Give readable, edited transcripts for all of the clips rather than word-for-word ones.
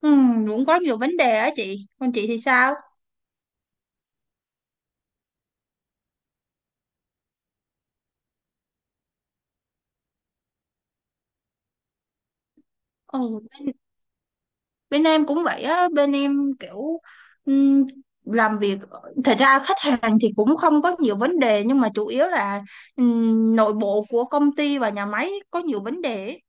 Ừ, cũng có nhiều vấn đề á chị. Còn chị thì sao? ừ, bên, bên em cũng vậy á. Bên em kiểu ừm, làm việc, thật ra khách hàng thì cũng không có nhiều vấn đề, nhưng mà chủ yếu là nội bộ của công ty và nhà máy có nhiều vấn đề ấy.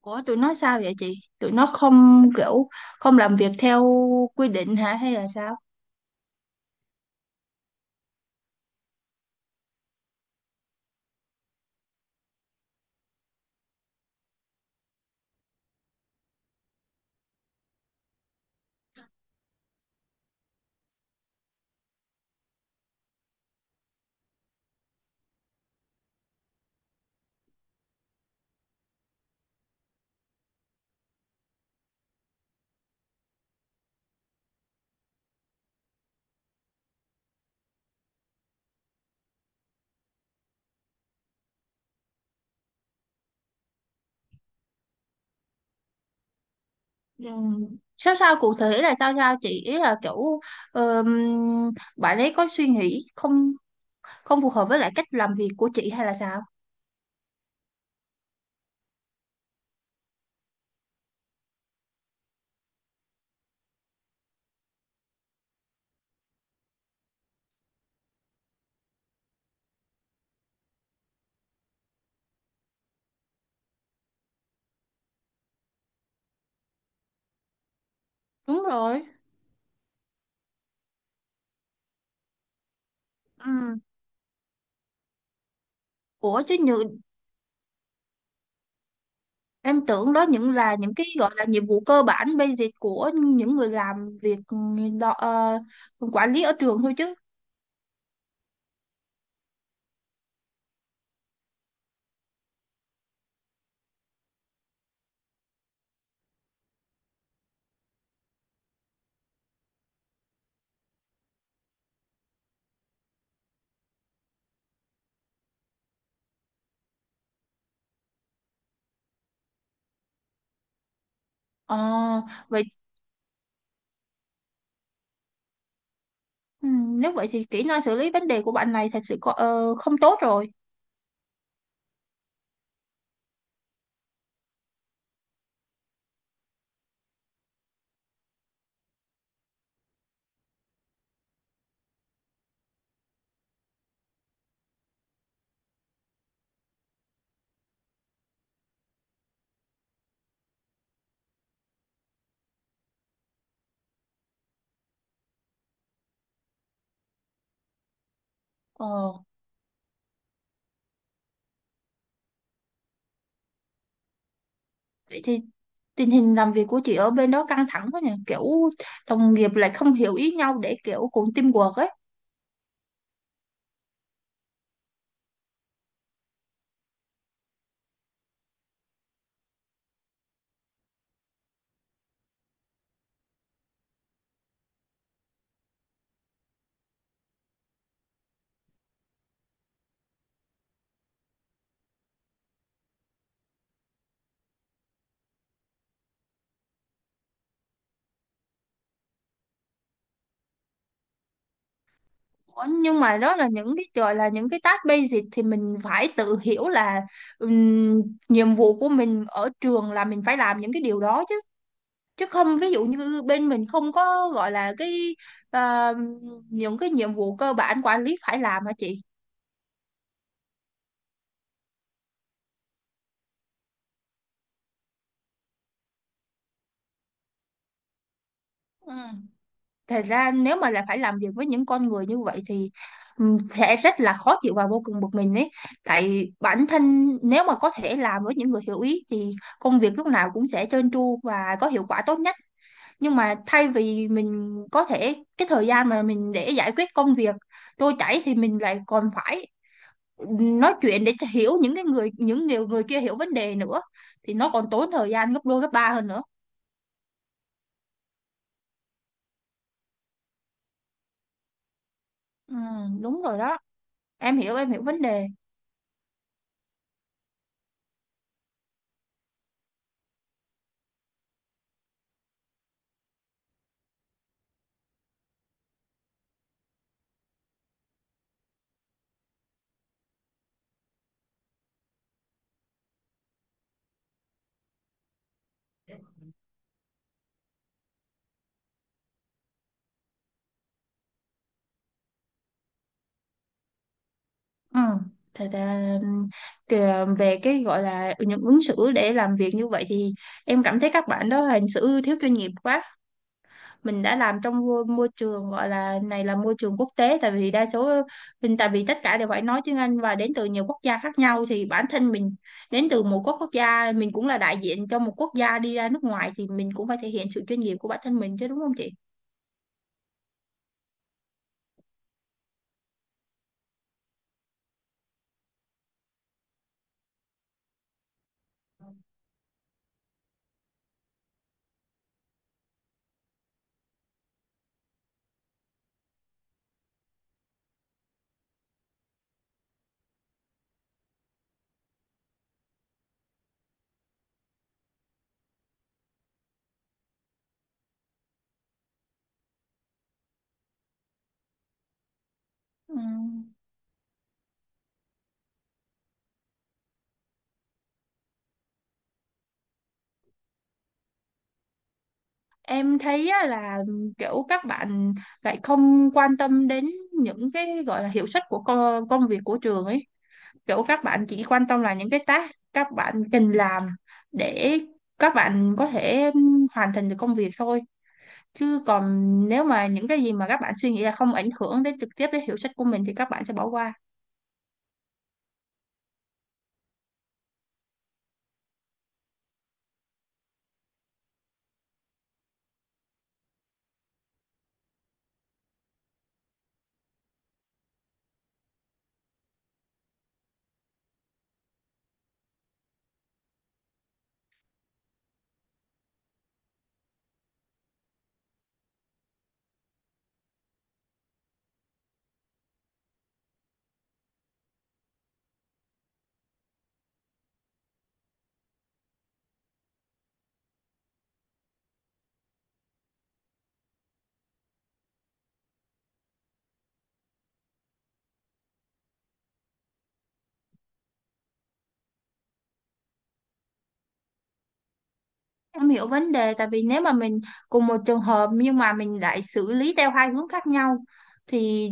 Ủa tụi nó sao vậy chị? Tụi nó không kiểu không làm việc theo quy định hả hay là sao? Ừm, Sao sao cụ thể là sao sao chị? Ý là kiểu ờm, bạn ấy có suy nghĩ không không phù hợp với lại cách làm việc của chị hay là sao? Đúng rồi. Ừ. Ủa chứ như em tưởng đó những là những cái gọi là nhiệm vụ cơ bản basic của những người làm việc đo, ờ, quản lý ở trường thôi chứ. Ờ vậy ừ, nếu vậy thì kỹ năng xử lý vấn đề của bạn này thật sự có, không tốt rồi. Ờ vậy thì tình hình làm việc của chị ở bên đó căng thẳng quá nhỉ, kiểu đồng nghiệp lại không hiểu ý nhau để kiểu cùng teamwork ấy. Ủa, nhưng mà đó là những cái gọi là những cái task basic thì mình phải tự hiểu là ừm, nhiệm vụ của mình ở trường là mình phải làm những cái điều đó chứ. Chứ không, ví dụ như bên mình không có gọi là cái ờ, những cái nhiệm vụ cơ bản quản lý phải làm hả chị? Ừ. Thật ra nếu mà là phải làm việc với những con người như vậy thì sẽ rất là khó chịu và vô cùng bực mình ấy. Tại bản thân nếu mà có thể làm với những người hiểu ý thì công việc lúc nào cũng sẽ trơn tru và có hiệu quả tốt nhất. Nhưng mà thay vì mình có thể cái thời gian mà mình để giải quyết công việc trôi chảy thì mình lại còn phải nói chuyện để cho hiểu những cái người những nhiều người kia hiểu vấn đề nữa, thì nó còn tốn thời gian gấp đôi gấp ba hơn nữa. Ừ, đúng rồi đó. Em hiểu, em hiểu vấn đề. Ừ. Thật ra kìa, về cái gọi là những ứng xử để làm việc như vậy thì em cảm thấy các bạn đó hành xử thiếu chuyên nghiệp quá. Mình đã làm trong môi môi trường gọi là này là môi trường quốc tế, tại vì đa số mình, tại vì tất cả đều phải nói tiếng Anh và đến từ nhiều quốc gia khác nhau, thì bản thân mình đến từ một quốc quốc gia, mình cũng là đại diện cho một quốc gia đi ra nước ngoài thì mình cũng phải thể hiện sự chuyên nghiệp của bản thân mình chứ, đúng không chị? Ừm. Em thấy á là kiểu các bạn lại không quan tâm đến những cái gọi là hiệu suất của công việc của trường ấy. Kiểu các bạn chỉ quan tâm là những cái task các bạn cần làm để các bạn có thể hoàn thành được công việc thôi. Chứ còn nếu mà những cái gì mà các bạn suy nghĩ là không ảnh hưởng đến trực tiếp đến hiệu suất của mình thì các bạn sẽ bỏ qua. Em hiểu vấn đề, tại vì nếu mà mình cùng một trường hợp nhưng mà mình lại xử lý theo hai hướng khác nhau thì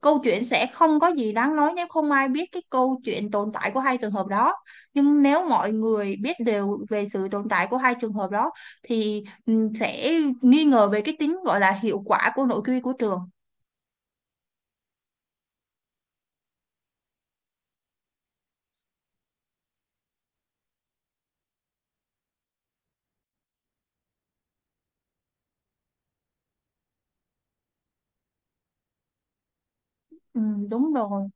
câu chuyện sẽ không có gì đáng nói nếu không ai biết cái câu chuyện tồn tại của hai trường hợp đó. Nhưng nếu mọi người biết đều về sự tồn tại của hai trường hợp đó thì sẽ nghi ngờ về cái tính gọi là hiệu quả của nội quy của trường. Ừ, đúng rồi.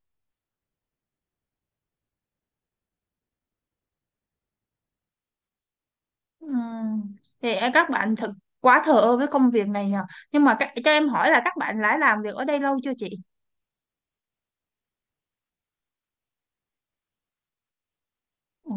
Ừ. Thì các bạn thật quá thờ ơ với công việc này nhờ. Nhưng mà các, cho em hỏi là các bạn đã làm việc ở đây lâu chưa chị? Ừ.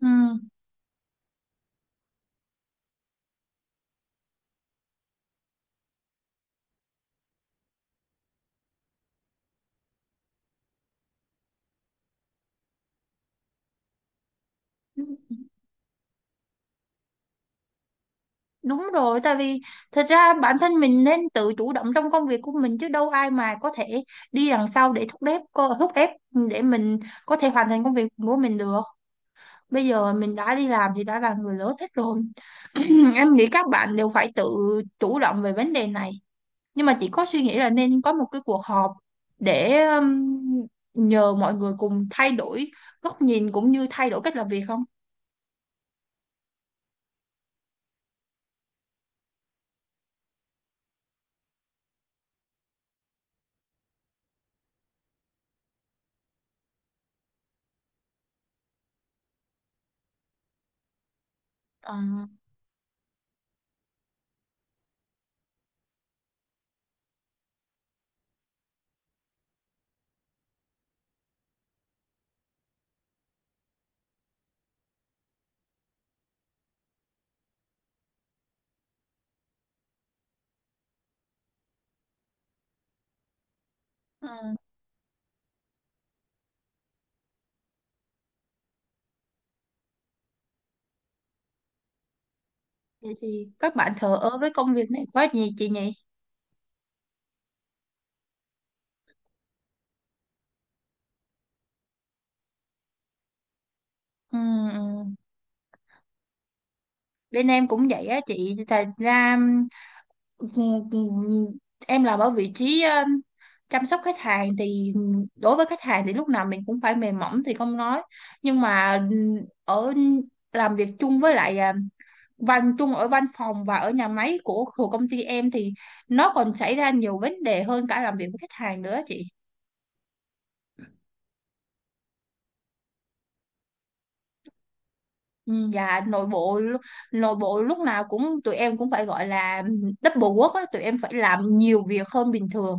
Ừ. Đúng rồi, tại vì thật ra bản thân mình nên tự chủ động trong công việc của mình chứ đâu ai mà có thể đi đằng sau để thúc ép thúc ép để mình có thể hoàn thành công việc của mình được. Bây giờ mình đã đi làm thì đã là người lớn hết rồi. Em nghĩ các bạn đều phải tự chủ động về vấn đề này. Nhưng mà chỉ có suy nghĩ là nên có một cái cuộc họp để nhờ mọi người cùng thay đổi góc nhìn cũng như thay đổi cách làm việc không? Ờ, ừ. Vậy thì các bạn thờ ơ với công việc này quá nhỉ chị nhỉ? Ừ, ừ. Bên em cũng vậy á chị. Thật ra ừ, ừ, em làm ở vị trí chăm sóc khách hàng thì đối với khách hàng thì lúc nào mình cũng phải mềm mỏng thì không nói. Nhưng mà ở làm việc chung với lại văn chung ở văn phòng và ở nhà máy của công ty em thì nó còn xảy ra nhiều vấn đề hơn cả làm việc với khách hàng nữa chị. Ừ, dạ nội bộ nội bộ lúc nào cũng tụi em cũng phải gọi là double work á, tụi em phải làm nhiều việc hơn bình thường.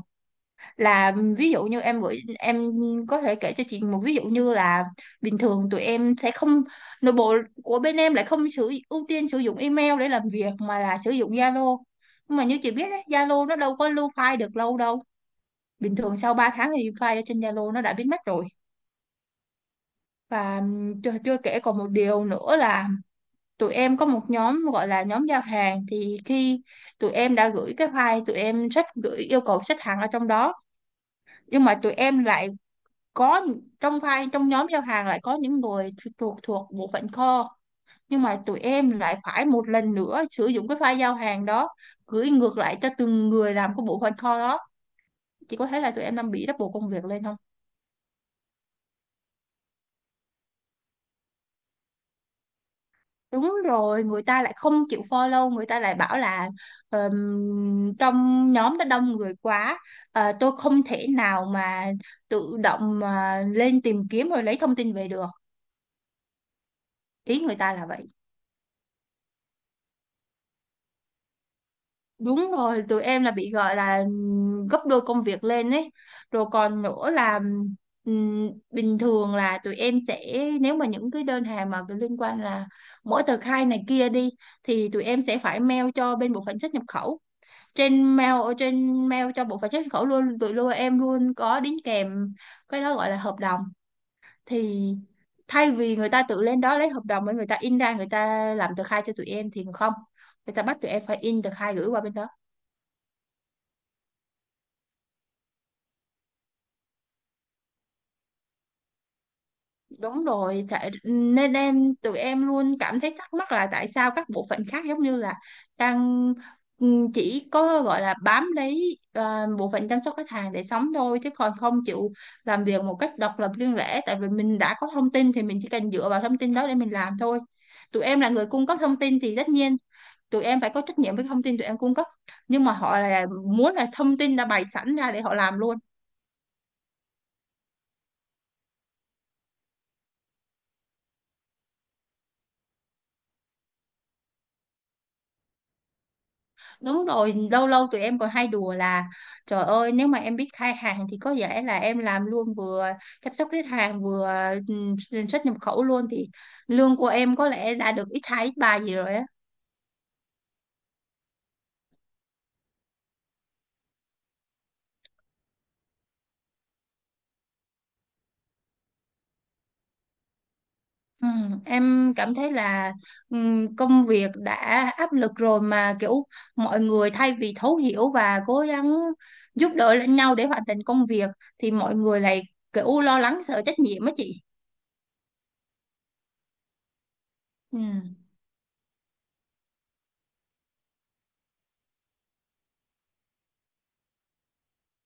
Là ví dụ như em gửi, em có thể kể cho chị một ví dụ như là bình thường tụi em sẽ không, nội bộ của bên em lại không sử ưu tiên sử dụng email để làm việc mà là sử dụng Zalo. Nhưng mà như chị biết đấy, Zalo nó đâu có lưu file được lâu đâu. Bình thường sau 3 tháng thì file ở trên Zalo nó đã biến mất rồi. Và chưa kể còn một điều nữa là tụi em có một nhóm gọi là nhóm giao hàng, thì khi tụi em đã gửi cái file tụi em sách gửi yêu cầu xếp hàng ở trong đó, nhưng mà tụi em lại có, trong file trong nhóm giao hàng lại có những người thuộc thuộc bộ phận kho, nhưng mà tụi em lại phải một lần nữa sử dụng cái file giao hàng đó gửi ngược lại cho từng người làm cái bộ phận kho đó. Chị có thấy là tụi em đang bị double công việc lên không? Đúng rồi, người ta lại không chịu follow, người ta lại bảo là ờm, trong nhóm đã đông người quá, tôi không thể nào mà tự động mà lên tìm kiếm rồi lấy thông tin về được. Ý người ta là vậy. Đúng rồi, tụi em là bị gọi là gấp đôi công việc lên ấy. Rồi còn nữa là bình thường là tụi em sẽ, nếu mà những cái đơn hàng mà liên quan là mỗi tờ khai này kia đi thì tụi em sẽ phải mail cho bên bộ phận xuất nhập khẩu. Trên mail, ở trên mail cho bộ phận xuất nhập khẩu luôn, tụi luôn em luôn có đính kèm cái đó gọi là hợp đồng, thì thay vì người ta tự lên đó lấy hợp đồng với người ta in ra người ta làm tờ khai cho tụi em thì không, người ta bắt tụi em phải in tờ khai gửi qua bên đó. Đúng rồi, tại nên em, tụi em luôn cảm thấy thắc mắc là tại sao các bộ phận khác giống như là đang chỉ có gọi là bám lấy bộ phận chăm sóc khách hàng để sống thôi chứ còn không chịu làm việc một cách độc lập riêng lẻ, tại vì mình đã có thông tin thì mình chỉ cần dựa vào thông tin đó để mình làm thôi. Tụi em là người cung cấp thông tin thì tất nhiên tụi em phải có trách nhiệm với thông tin tụi em cung cấp, nhưng mà họ là muốn là thông tin đã bày sẵn ra để họ làm luôn. Đúng rồi, lâu lâu tụi em còn hay đùa là trời ơi nếu mà em biết khai hàng thì có vẻ là em làm luôn, vừa chăm sóc khách hàng vừa xuất nhập khẩu luôn, thì lương của em có lẽ đã được ít hai ít ba gì rồi á. Ừ, em cảm thấy là công việc đã áp lực rồi mà kiểu mọi người thay vì thấu hiểu và cố gắng giúp đỡ lẫn nhau để hoàn thành công việc thì mọi người lại kiểu lo lắng sợ trách nhiệm á chị. Ừ,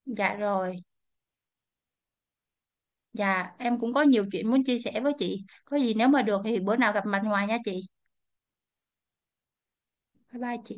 dạ rồi. Dạ, em cũng có nhiều chuyện muốn chia sẻ với chị. Có gì nếu mà được thì bữa nào gặp mặt ngoài nha chị. Bye bye chị.